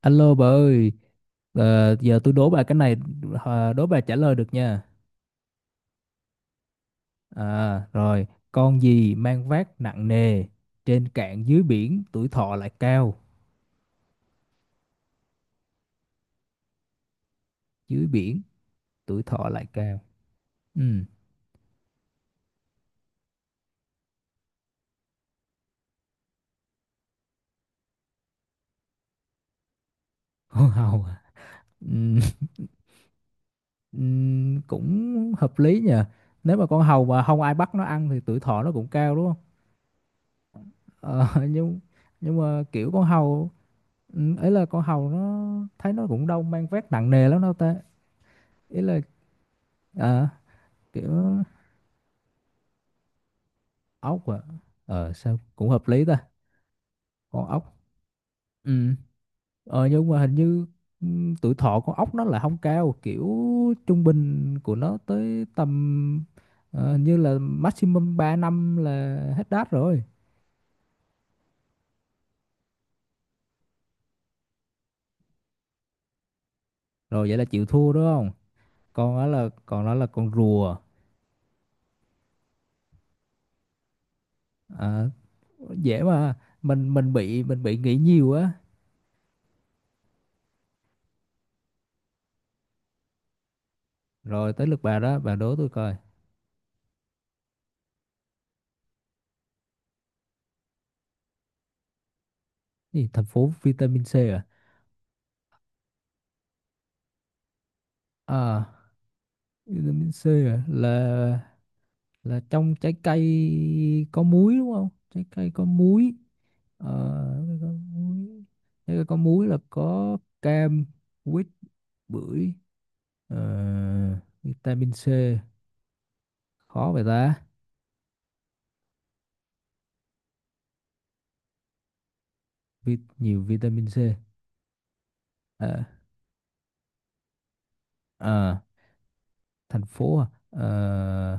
Alo bà ơi, giờ tôi đố bà cái này, đố bà trả lời được nha. À, rồi, con gì mang vác nặng nề, trên cạn dưới biển, tuổi thọ lại cao. Dưới biển, tuổi thọ lại cao. Ừ, con hầu à? Ừ, ừ, cũng hợp lý nha. Nếu mà con hầu mà không ai bắt nó ăn thì tuổi thọ nó cũng cao đúng không? Ờ, nhưng nhưng mà kiểu con hầu, ấy là con hầu nó thấy nó cũng đâu mang vác nặng nề lắm đâu ta. Ý là, à, kiểu ốc à, sao cũng hợp lý ta, con ốc. ừ nhưng mà hình như ừ, tuổi thọ con ốc nó là không cao, kiểu trung bình của nó tới tầm hình như là maximum 3 năm là hết đát rồi. Rồi vậy là chịu thua đúng không? Còn đó là con rùa. Ờ, dễ mà mình bị nghĩ nhiều á. Rồi tới lượt bà đó, bà đố tôi coi. Gì? Thành phố vitamin C à? À, vitamin C à? Là trong trái cây có muối đúng không? Trái cây có muối. ờ, trái cây có muối Trái cây có muối là có cam, quýt, bưởi. Vitamin C khó vậy ta. Nhiều vitamin C. Ờ, ờ, Thành phố à? Ờ,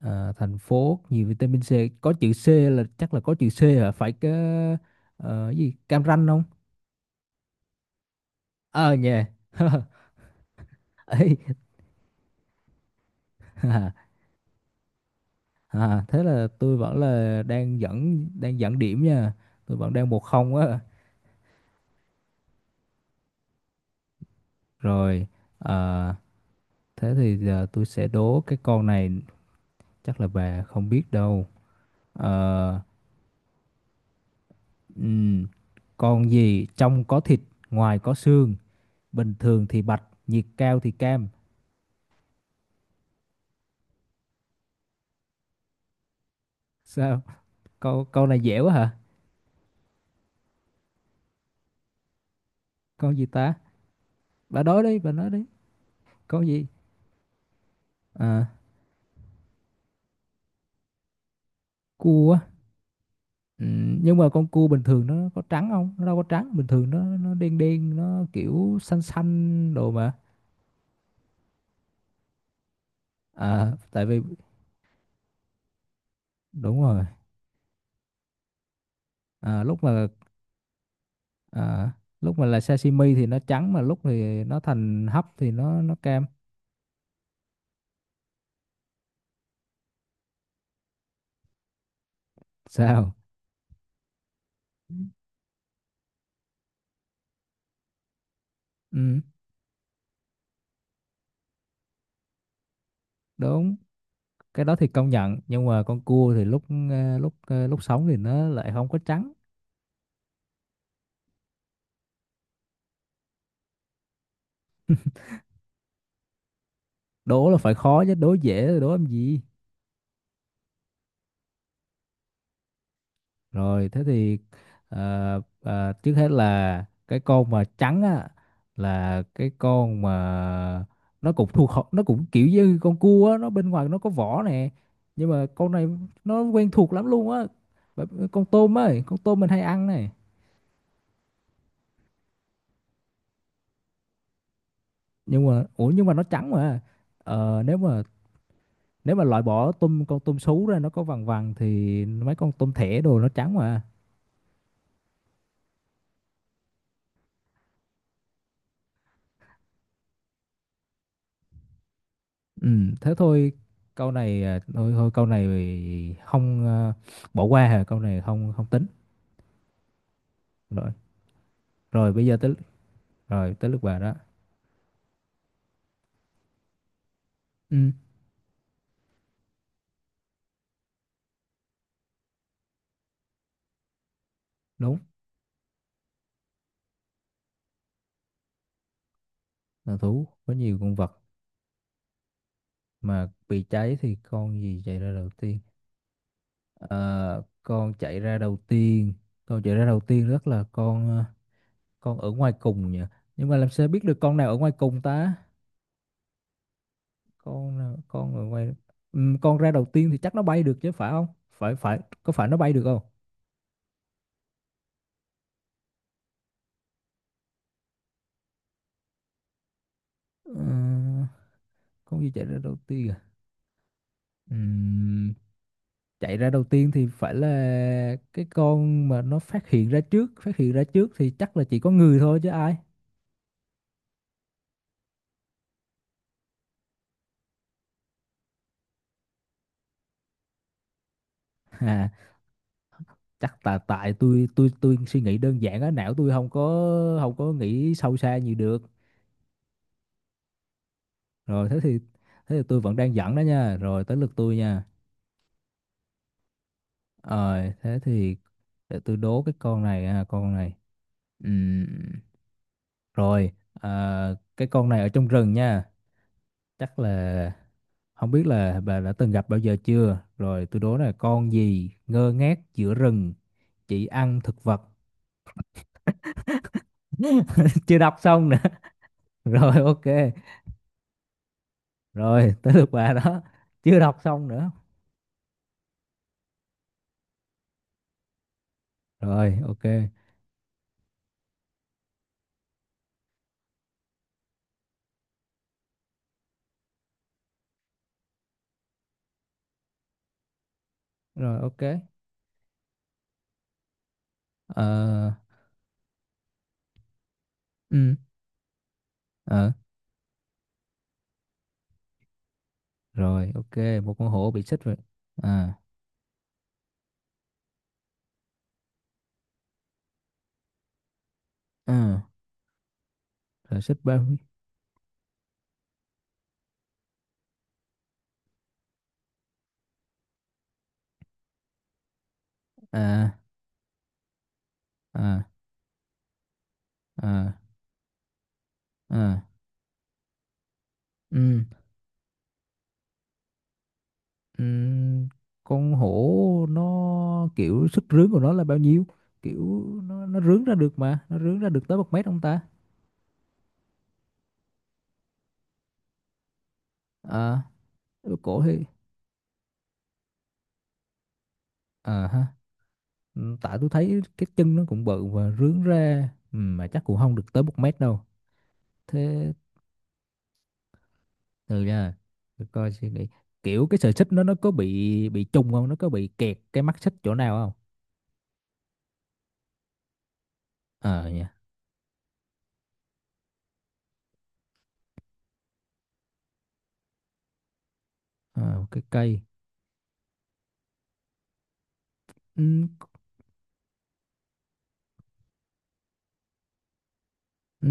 ờ, Thành phố nhiều vitamin C. Có chữ C, là chắc là có chữ C hả? Phải cái gì, Cam Ranh không? Ờ nhè. Ấy, à, thế là tôi vẫn là đang dẫn điểm nha. Tôi vẫn đang 1-0 á. Rồi, à, thế thì giờ tôi sẽ đố cái con này, chắc là bà không biết đâu. Ờ, ừm, con gì trong có thịt, ngoài có xương, bình thường thì bạch, nhiệt cao thì cam? Sao? Câu câu này dễ quá hả? Con gì ta? Bà nói đi, bà nói đi. Con gì? À, cua. Ừ, nhưng mà con cua bình thường nó có trắng không? Nó đâu có trắng, bình thường nó đen đen, nó kiểu xanh xanh đồ mà. À, tại vì đúng rồi. À, lúc mà à, là sashimi thì nó trắng, mà lúc thì nó thành hấp thì nó cam. Sao? Ừ, đúng. Cái đó thì công nhận, nhưng mà con cua thì lúc lúc sống thì nó lại không có trắng. Đố là phải khó chứ, đố dễ rồi đố làm gì? Rồi thế thì trước hết là cái con mà trắng á, là cái con mà nó cũng nó cũng kiểu như con cua á, nó bên ngoài nó có vỏ nè. Nhưng mà con này nó quen thuộc lắm luôn á. Con tôm ấy, con tôm mình hay ăn này. Nhưng mà nó trắng mà. Ờ, nếu mà loại bỏ tôm, con tôm sú ra nó có vằn vằn thì mấy con tôm thẻ đồ nó trắng mà. Ừ, thế thôi, câu này à, thôi thôi câu này không à, bỏ qua hả? Câu này không không tính. Rồi rồi bây giờ tới, tới lượt bà đó. Ừ, đúng là thú có nhiều con vật mà bị cháy thì con gì chạy ra đầu tiên? Ờ, con chạy ra đầu tiên rất là con ở ngoài cùng nhỉ, nhưng mà làm sao biết được con nào ở ngoài cùng ta? Con ở ngoài. Con ra đầu tiên thì chắc nó bay được chứ phải không? Phải phải có phải nó bay được không? Ừ, con gì chạy ra đầu tiên à? Ừm, Chạy ra đầu tiên thì phải là cái con mà nó phát hiện ra trước thì chắc là chỉ có người thôi chứ ai. À, chắc là tại tôi suy nghĩ đơn giản á, não tôi không có nghĩ sâu xa nhiều được. Rồi thế thì tôi vẫn đang dẫn đó nha. Rồi tới lượt tôi nha. Rồi thế thì để tôi đố cái con này ha, con này. Ừm, Rồi, à, cái con này ở trong rừng nha, chắc là... Không biết là bà đã từng gặp bao giờ chưa? Rồi tôi đố là con gì ngơ ngác giữa rừng, chỉ ăn thực vật. Chưa đọc xong nữa. Rồi ok. Rồi tới lượt bà đó. Chưa đọc xong nữa. Rồi ok. Rồi ok. Ờ ừ ờ Rồi ok, một con hổ bị xích rồi. À ừ, rồi xích bao nhiêu? À, à, à, à. Ừ. Ừm, con hổ nó kiểu sức rướn của nó là bao nhiêu? Kiểu nó rướn ra được, mà nó rướn ra được tới một mét không ta? À, cổ thì... à ha. Tại tôi thấy cái chân nó cũng bự và rướn ra. Mà chắc cũng không được tới một mét đâu. Thế từ nha, để coi suy nghĩ, kiểu cái sợi xích nó có bị trùng không, nó có bị kẹt cái mắt xích chỗ nào không? Ờ nha. Ờ, cái cây. Ừ, Ừ,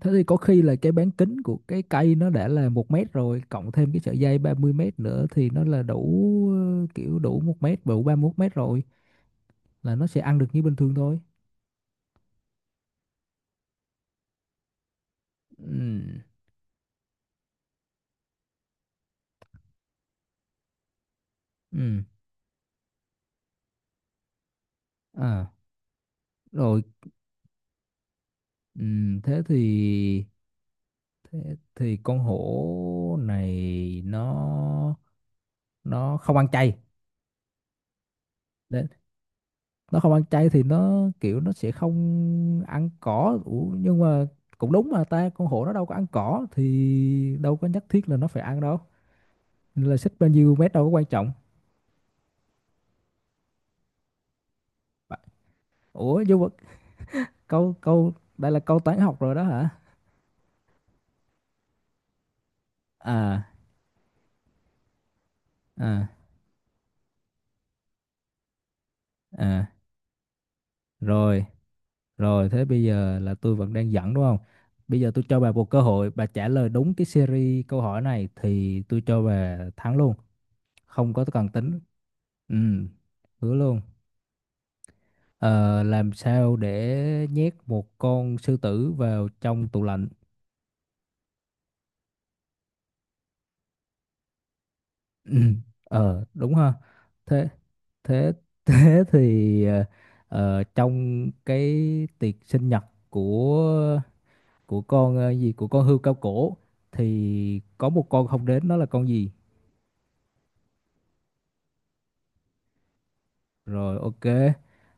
thế thì có khi là cái bán kính của cái cây nó đã là một mét rồi, cộng thêm cái sợi dây 30 mét nữa thì nó là đủ, kiểu đủ một mét, đủ 31 mét rồi. Là nó sẽ ăn được như bình thường thôi. ừ, ừ, À, rồi ừ, thế thì con hổ này nó không ăn chay. Đấy, nó không ăn chay thì nó kiểu nó sẽ không ăn cỏ. Ủa, nhưng mà cũng đúng mà ta, con hổ nó đâu có ăn cỏ thì đâu có nhất thiết là nó phải ăn đâu. Nên là xích bao nhiêu mét đâu có quan trọng. Ủa, nhưng mà câu câu đây là câu toán học rồi đó hả? À, à, à. Rồi rồi thế bây giờ là tôi vẫn đang dẫn đúng không? Bây giờ tôi cho bà một cơ hội, bà trả lời đúng cái series câu hỏi này thì tôi cho bà thắng luôn. Không có cần tính. Ừ. Hứa luôn. Ờ, làm sao để nhét một con sư tử vào trong tủ lạnh? Ừ. Ờ, đúng ha. Thế thế thế thì trong cái tiệc sinh nhật của của con, ờ, gì của con hươu cao cổ thì có một con không đến, nó là con gì? Rồi ok,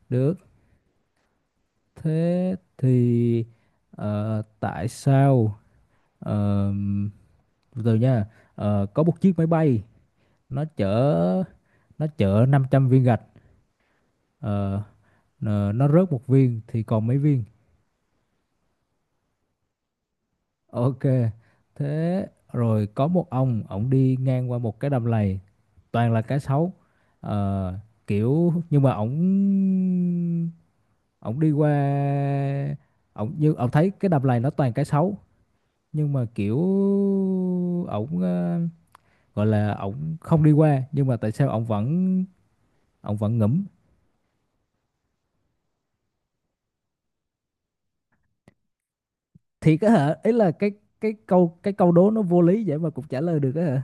được. Thế thì tại sao? ờm, Từ từ nha. Ờ, có một chiếc máy bay nó chở nó chở 500 viên gạch. ờ, nó rớt một viên thì còn mấy viên? Ok thế. Rồi có một ông, ổng đi ngang qua một cái đầm lầy toàn là cá sấu. Ờ, kiểu nhưng mà ổng ổng đi qua, ổng thấy cái đầm lầy nó toàn cá sấu, nhưng mà kiểu ổng gọi là ổng không đi qua, nhưng mà tại sao ổng vẫn ngẫm. Thiệt á hả? Ý là cái câu đố nó vô lý vậy mà cũng trả lời được á hả?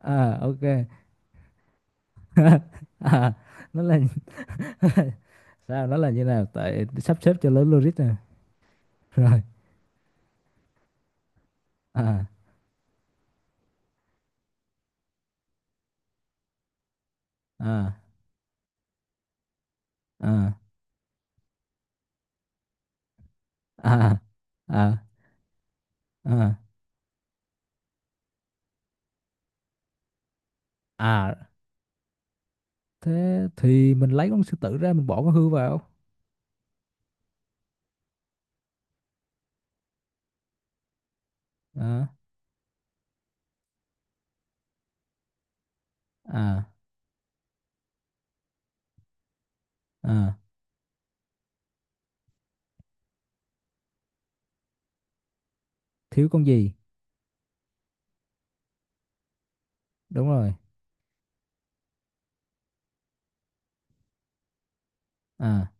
À ok. À, nó là sao nó là như nào tại sắp xếp cho lớn logic nè. Rồi. À, à, à, à, à, à, à, thế thì mình lấy con sư tử ra, mình bỏ con hươu vào. À, à, à, thiếu con gì. Đúng rồi. À,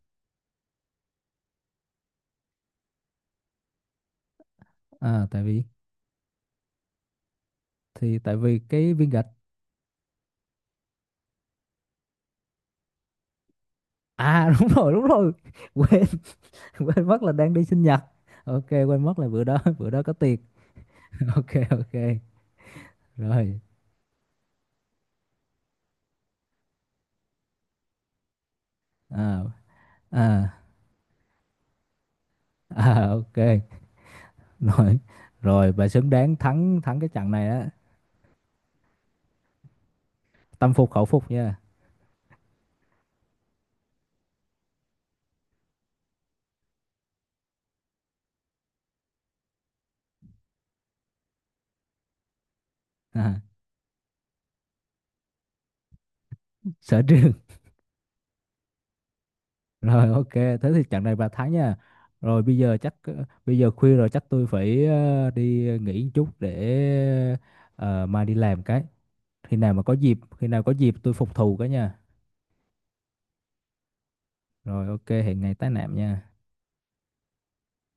à, tại vì thì tại vì cái viên gạch. À, đúng rồi, đúng rồi. Quên. Quên mất là đang đi sinh nhật. Ok, quên mất là bữa đó bữa đó có tiệc. Ok, ok. Rồi. À, à, à, ok. Rồi rồi bà xứng đáng thắng, thắng cái trận này á. Tâm phục khẩu phục nha. À, sở trường. Rồi ok, thế thì trận này bà thắng nha. Bây giờ chắc bây giờ khuya rồi, chắc tôi phải đi nghỉ một chút để mai đi làm cái. Khi nào có dịp tôi phục thù cái nha. Rồi ok, hẹn ngày tái nạm nha.